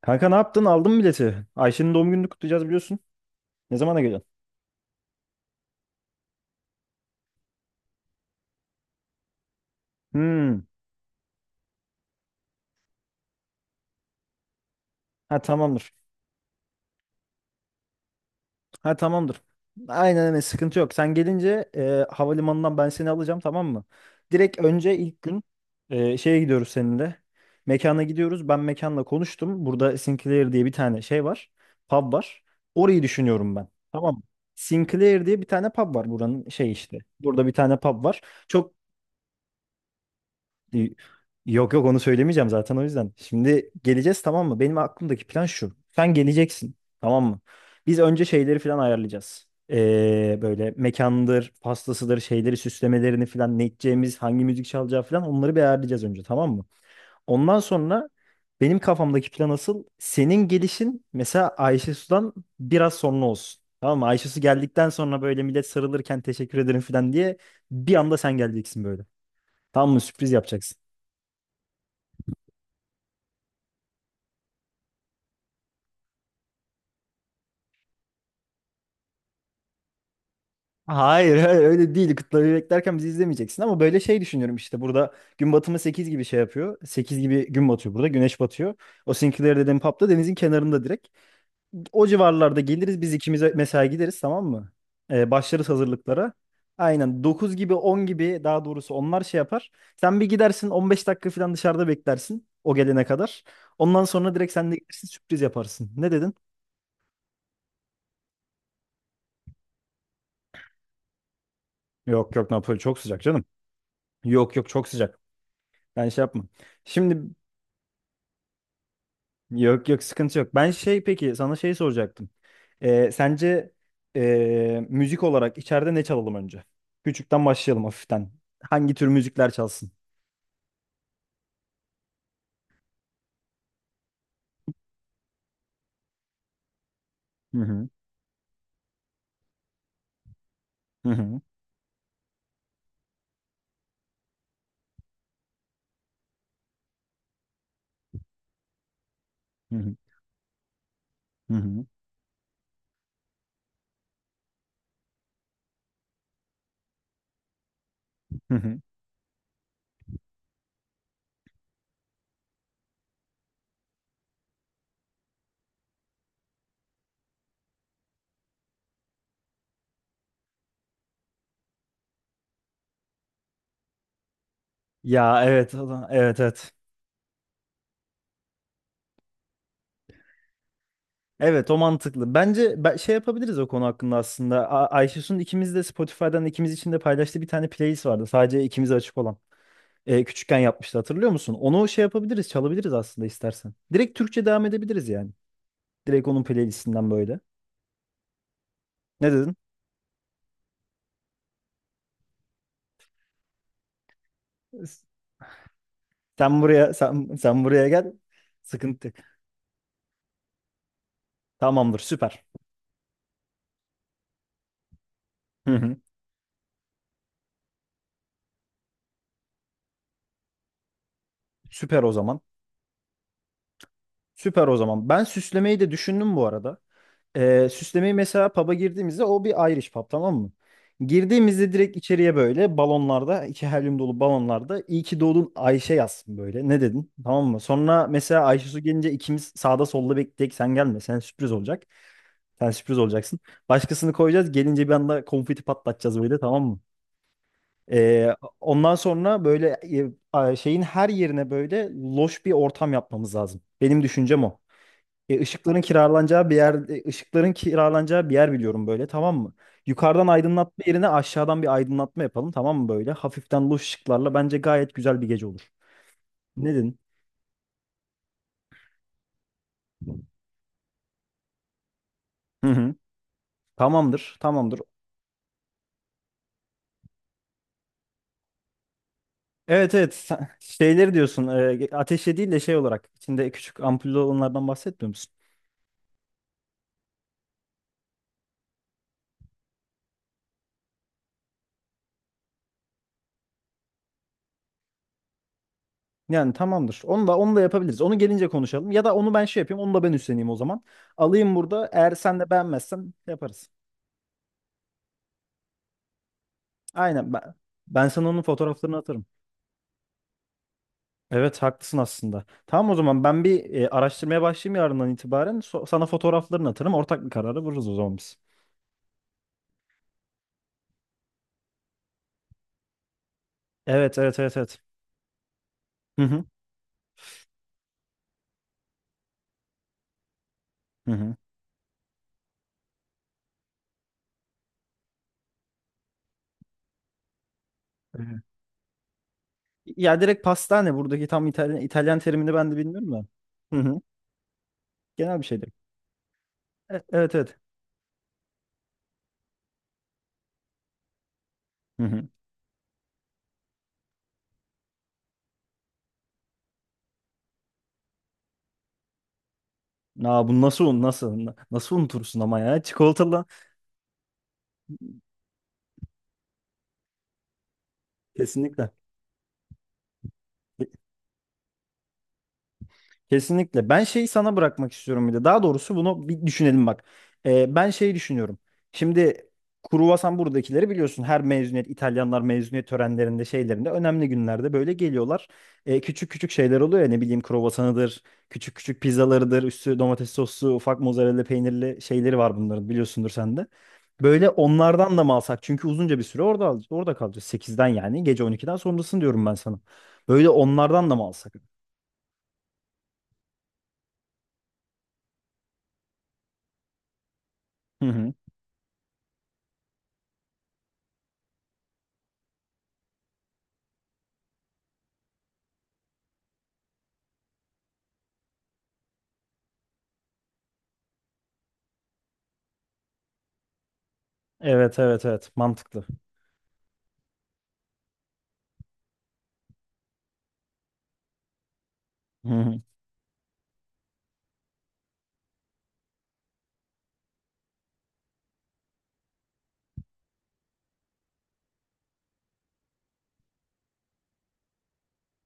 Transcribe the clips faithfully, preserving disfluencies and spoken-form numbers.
Kanka, ne yaptın? Aldın mı bileti? Ayşe'nin doğum gününü kutlayacağız, biliyorsun. Ne zamana geliyorsun? Hmm. Ha, tamamdır. Ha, tamamdır. Aynen öyle, sıkıntı yok. Sen gelince e, havalimanından ben seni alacağım, tamam mı? Direkt önce ilk gün e, şeye gidiyoruz seninle. Mekana gidiyoruz. Ben mekanla konuştum. Burada Sinclair diye bir tane şey var. Pub var. Orayı düşünüyorum ben. Tamam mı? Sinclair diye bir tane pub var buranın şey işte. Burada bir tane pub var. Çok Y- Yok yok, onu söylemeyeceğim zaten, o yüzden. Şimdi geleceğiz, tamam mı? Benim aklımdaki plan şu. Sen geleceksin, tamam mı? Biz önce şeyleri falan ayarlayacağız. Ee, böyle mekandır, pastasıdır, şeyleri, süslemelerini falan, ne içeceğimiz, hangi müzik çalacağı falan, onları bir ayarlayacağız önce, tamam mı? Ondan sonra benim kafamdaki plan asıl senin gelişin, mesela Ayşe Su'dan biraz sonra olsun. Tamam mı? Ayşe Su geldikten sonra böyle millet sarılırken teşekkür ederim falan diye bir anda sen geleceksin böyle. Tamam mı? Sürpriz yapacaksın. Hayır, hayır, öyle değil. Kıtları beklerken bizi izlemeyeceksin, ama böyle şey düşünüyorum işte: burada gün batımı sekiz gibi şey yapıyor. Sekiz gibi gün batıyor burada. Güneş batıyor. O Sinclair dediğim pub'da, denizin kenarında direkt. O civarlarda geliriz biz ikimiz, mesela gideriz, tamam mı? Ee, başlarız hazırlıklara. Aynen, dokuz gibi, on gibi, daha doğrusu onlar şey yapar. Sen bir gidersin, on beş dakika falan dışarıda beklersin o gelene kadar. Ondan sonra direkt sen de gelirsin, sürpriz yaparsın. Ne dedin? Yok yok, Napoli çok sıcak canım. Yok yok, çok sıcak. Ben şey yapma. Şimdi. Yok yok, sıkıntı yok. Ben şey, peki, sana şey soracaktım. Ee, sence ee, müzik olarak içeride ne çalalım önce? Küçükten başlayalım, hafiften. Hangi tür müzikler çalsın? Hı hı. Hı hı. Hı hı. Hı hı. Hı hı. Ya evet, o da- evet evet. Evet, o mantıklı. Bence ben, şey yapabiliriz o konu hakkında aslında. A Ayşesun ikimiz de, Spotify'dan ikimiz için de paylaştığı bir tane playlist vardı. Sadece ikimize açık olan. Ee, küçükken yapmıştı, hatırlıyor musun? Onu şey yapabiliriz, çalabiliriz aslında, istersen. Direkt Türkçe devam edebiliriz yani. Direkt onun playlistinden böyle. Ne dedin? Sen buraya sen, sen buraya gel. Sıkıntı yok. Tamamdır, süper. Hı hı. Süper o zaman. Süper o zaman. Ben süslemeyi de düşündüm bu arada. Ee, süslemeyi, mesela pub'a girdiğimizde, o bir Irish pub, tamam mı? Girdiğimizde direkt içeriye böyle balonlarda, iki helyum dolu balonlarda "iyi ki doğdun Ayşe" yazsın böyle. Ne dedin? Tamam mı? Sonra mesela Ayşe Su gelince ikimiz sağda solda bekleyecek. Sen gelme. Sen sürpriz olacak. Sen sürpriz olacaksın. Başkasını koyacağız. Gelince bir anda konfeti patlatacağız böyle, tamam mı? Ee, ondan sonra böyle e, a- şeyin her yerine böyle loş bir ortam yapmamız lazım. Benim düşüncem o. E, ışıkların kiralanacağı bir yer, e, ışıkların kiralanacağı bir yer biliyorum böyle, tamam mı? Yukarıdan aydınlatma yerine aşağıdan bir aydınlatma yapalım, tamam mı böyle? Hafiften, loş ışıklarla bence gayet güzel bir gece olur. Ne dedin? Hı hı. Tamamdır, tamamdır. Evet evet, Sen- şeyleri diyorsun, e, ateşe değil de şey olarak içinde küçük ampullü olanlardan bahsetmiyor musun? Yani tamamdır. Onu da, onu da yapabiliriz. Onu gelince konuşalım. Ya da onu ben şey yapayım. Onu da ben üstleneyim o zaman. Alayım burada. Eğer sen de beğenmezsen yaparız. Aynen, ben, ben sana onun fotoğraflarını atarım. Evet, haklısın aslında. Tamam, o zaman ben bir e, araştırmaya başlayayım yarından itibaren. So- sana fotoğraflarını atarım. Ortak bir karara varırız o zaman biz. Evet evet evet evet. Hı hı. Hı hı. Ya direkt pastane buradaki tam İtalyan, İtalyan terimini ben de bilmiyorum da. Hı hı. Genel bir şeydir. E- evet evet. Hı hı. Aa, bu nasıl, un nasıl nasıl unutursun ama, ya çikolatalı kesinlikle. Kesinlikle. Ben şeyi sana bırakmak istiyorum bir de. Daha doğrusu bunu bir düşünelim bak. Ee, ben şeyi düşünüyorum. Şimdi, kruvasan buradakileri biliyorsun. Her mezuniyet, İtalyanlar mezuniyet törenlerinde, şeylerinde, önemli günlerde böyle geliyorlar. Ee, küçük küçük şeyler oluyor ya, ne bileyim, kruvasanıdır, küçük küçük pizzalarıdır, üstü domates soslu, ufak mozzarella peynirli şeyleri var bunların, biliyorsundur sen de. Böyle onlardan da mı alsak? Çünkü uzunca bir süre orada al- orada kalacağız. Sekizden, yani gece on iki'den sonrasını diyorum ben sana. Böyle onlardan da mı alsak? Hı hı. Evet evet evet, mantıklı. Hı hı.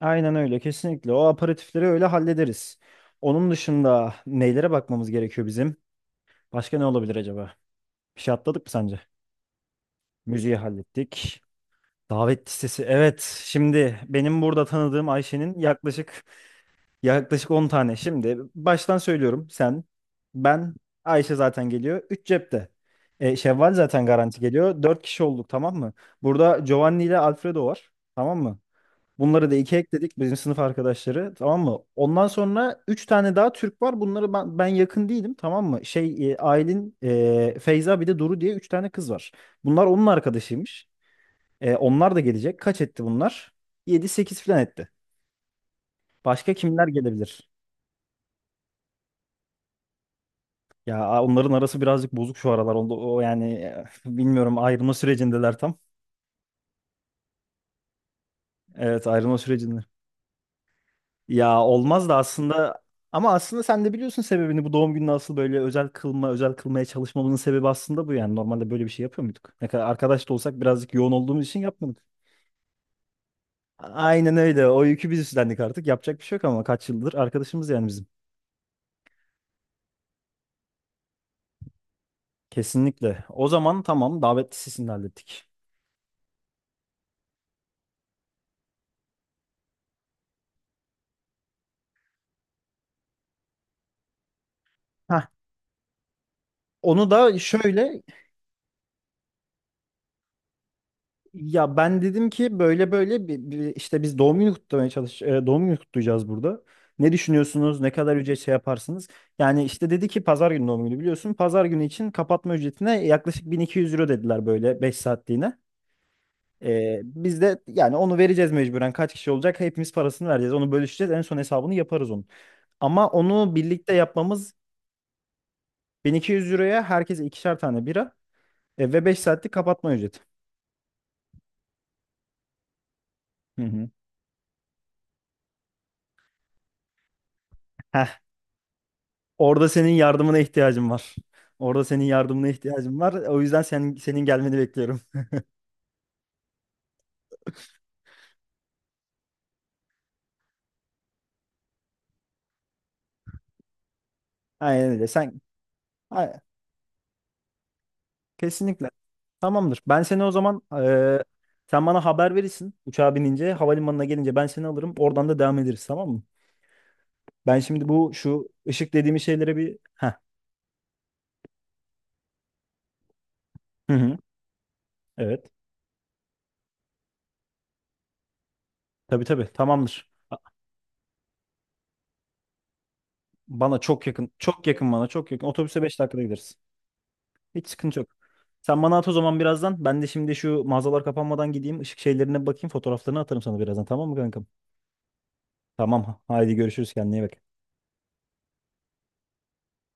Aynen öyle, kesinlikle. O aperatifleri öyle hallederiz. Onun dışında nelere bakmamız gerekiyor bizim? Başka ne olabilir acaba? Bir şey atladık mı sence? Müziği hallettik. Davet listesi. Evet. Şimdi benim burada tanıdığım Ayşe'nin yaklaşık yaklaşık on tane. Şimdi baştan söylüyorum. Sen, ben, Ayşe zaten geliyor. Üç cepte. E, Şevval zaten garanti geliyor. Dört kişi olduk, tamam mı? Burada Giovanni ile Alfredo var. Tamam mı? Bunları da iki ekledik, bizim sınıf arkadaşları, tamam mı? Ondan sonra üç tane daha Türk var. Bunları ben, ben yakın değilim, tamam mı? Şey, e, Aylin, e, Feyza, bir de Duru diye üç tane kız var. Bunlar onun arkadaşıymış. E, onlar da gelecek. Kaç etti bunlar? Yedi sekiz falan etti. Başka kimler gelebilir? Ya a- onların arası birazcık bozuk şu aralar. Onda, o yani, e, bilmiyorum, ayrılma sürecindeler tam. Evet, ayrılma sürecinde. Ya olmaz da aslında, ama aslında sen de biliyorsun sebebini; bu doğum gününü asıl böyle özel kılma, özel kılmaya çalışmamızın sebebi aslında bu yani. Normalde böyle bir şey yapıyor muyduk? Ne kadar arkadaş da olsak, birazcık yoğun olduğumuz için yapmadık. A- Aynen öyle. O yükü biz üstlendik artık. Yapacak bir şey yok, ama kaç yıldır arkadaşımız yani bizim. Kesinlikle. O zaman tamam, davet listesini hallettik. Heh. Onu da şöyle. Ya ben dedim ki böyle böyle bir, bir- işte biz doğum günü kutlamaya çalış e, doğum günü kutlayacağız burada. Ne düşünüyorsunuz? Ne kadar ücret şey yaparsınız? Yani işte dedi ki, pazar günü doğum günü, biliyorsun. Pazar günü için kapatma ücretine yaklaşık bin iki yüz euro dediler, böyle beş saatliğine. E, biz de yani onu vereceğiz mecburen. Kaç kişi olacak? Hepimiz parasını vereceğiz. Onu bölüşeceğiz. En son hesabını yaparız onun. Ama onu birlikte yapmamız. bin iki yüz euroya herkese ikişer tane bira e, ve beş saatlik kapatma ücreti. Hı hı. Orada senin yardımına ihtiyacım var. Orada senin yardımına ihtiyacım var. O yüzden senin senin gelmeni bekliyorum. Aynen öyle. Sen Ay- kesinlikle. Tamamdır. Ben seni o zaman eee, sen bana haber verirsin uçağa binince, havalimanına gelince ben seni alırım. Oradan da devam ederiz, tamam mı? Ben şimdi bu şu ışık dediğimiz şeylere bir. Heh. Hı hı. Evet. Tabii tabii. Tamamdır. Bana çok yakın. Çok yakın bana. Çok yakın. Otobüse beş dakikada gideriz. Hiç sıkıntı yok. Sen bana at o zaman birazdan. Ben de şimdi şu mağazalar kapanmadan gideyim. Işık şeylerine bakayım. Fotoğraflarını atarım sana birazdan. Tamam mı kankam? Tamam. Haydi görüşürüz. Kendine iyi bak.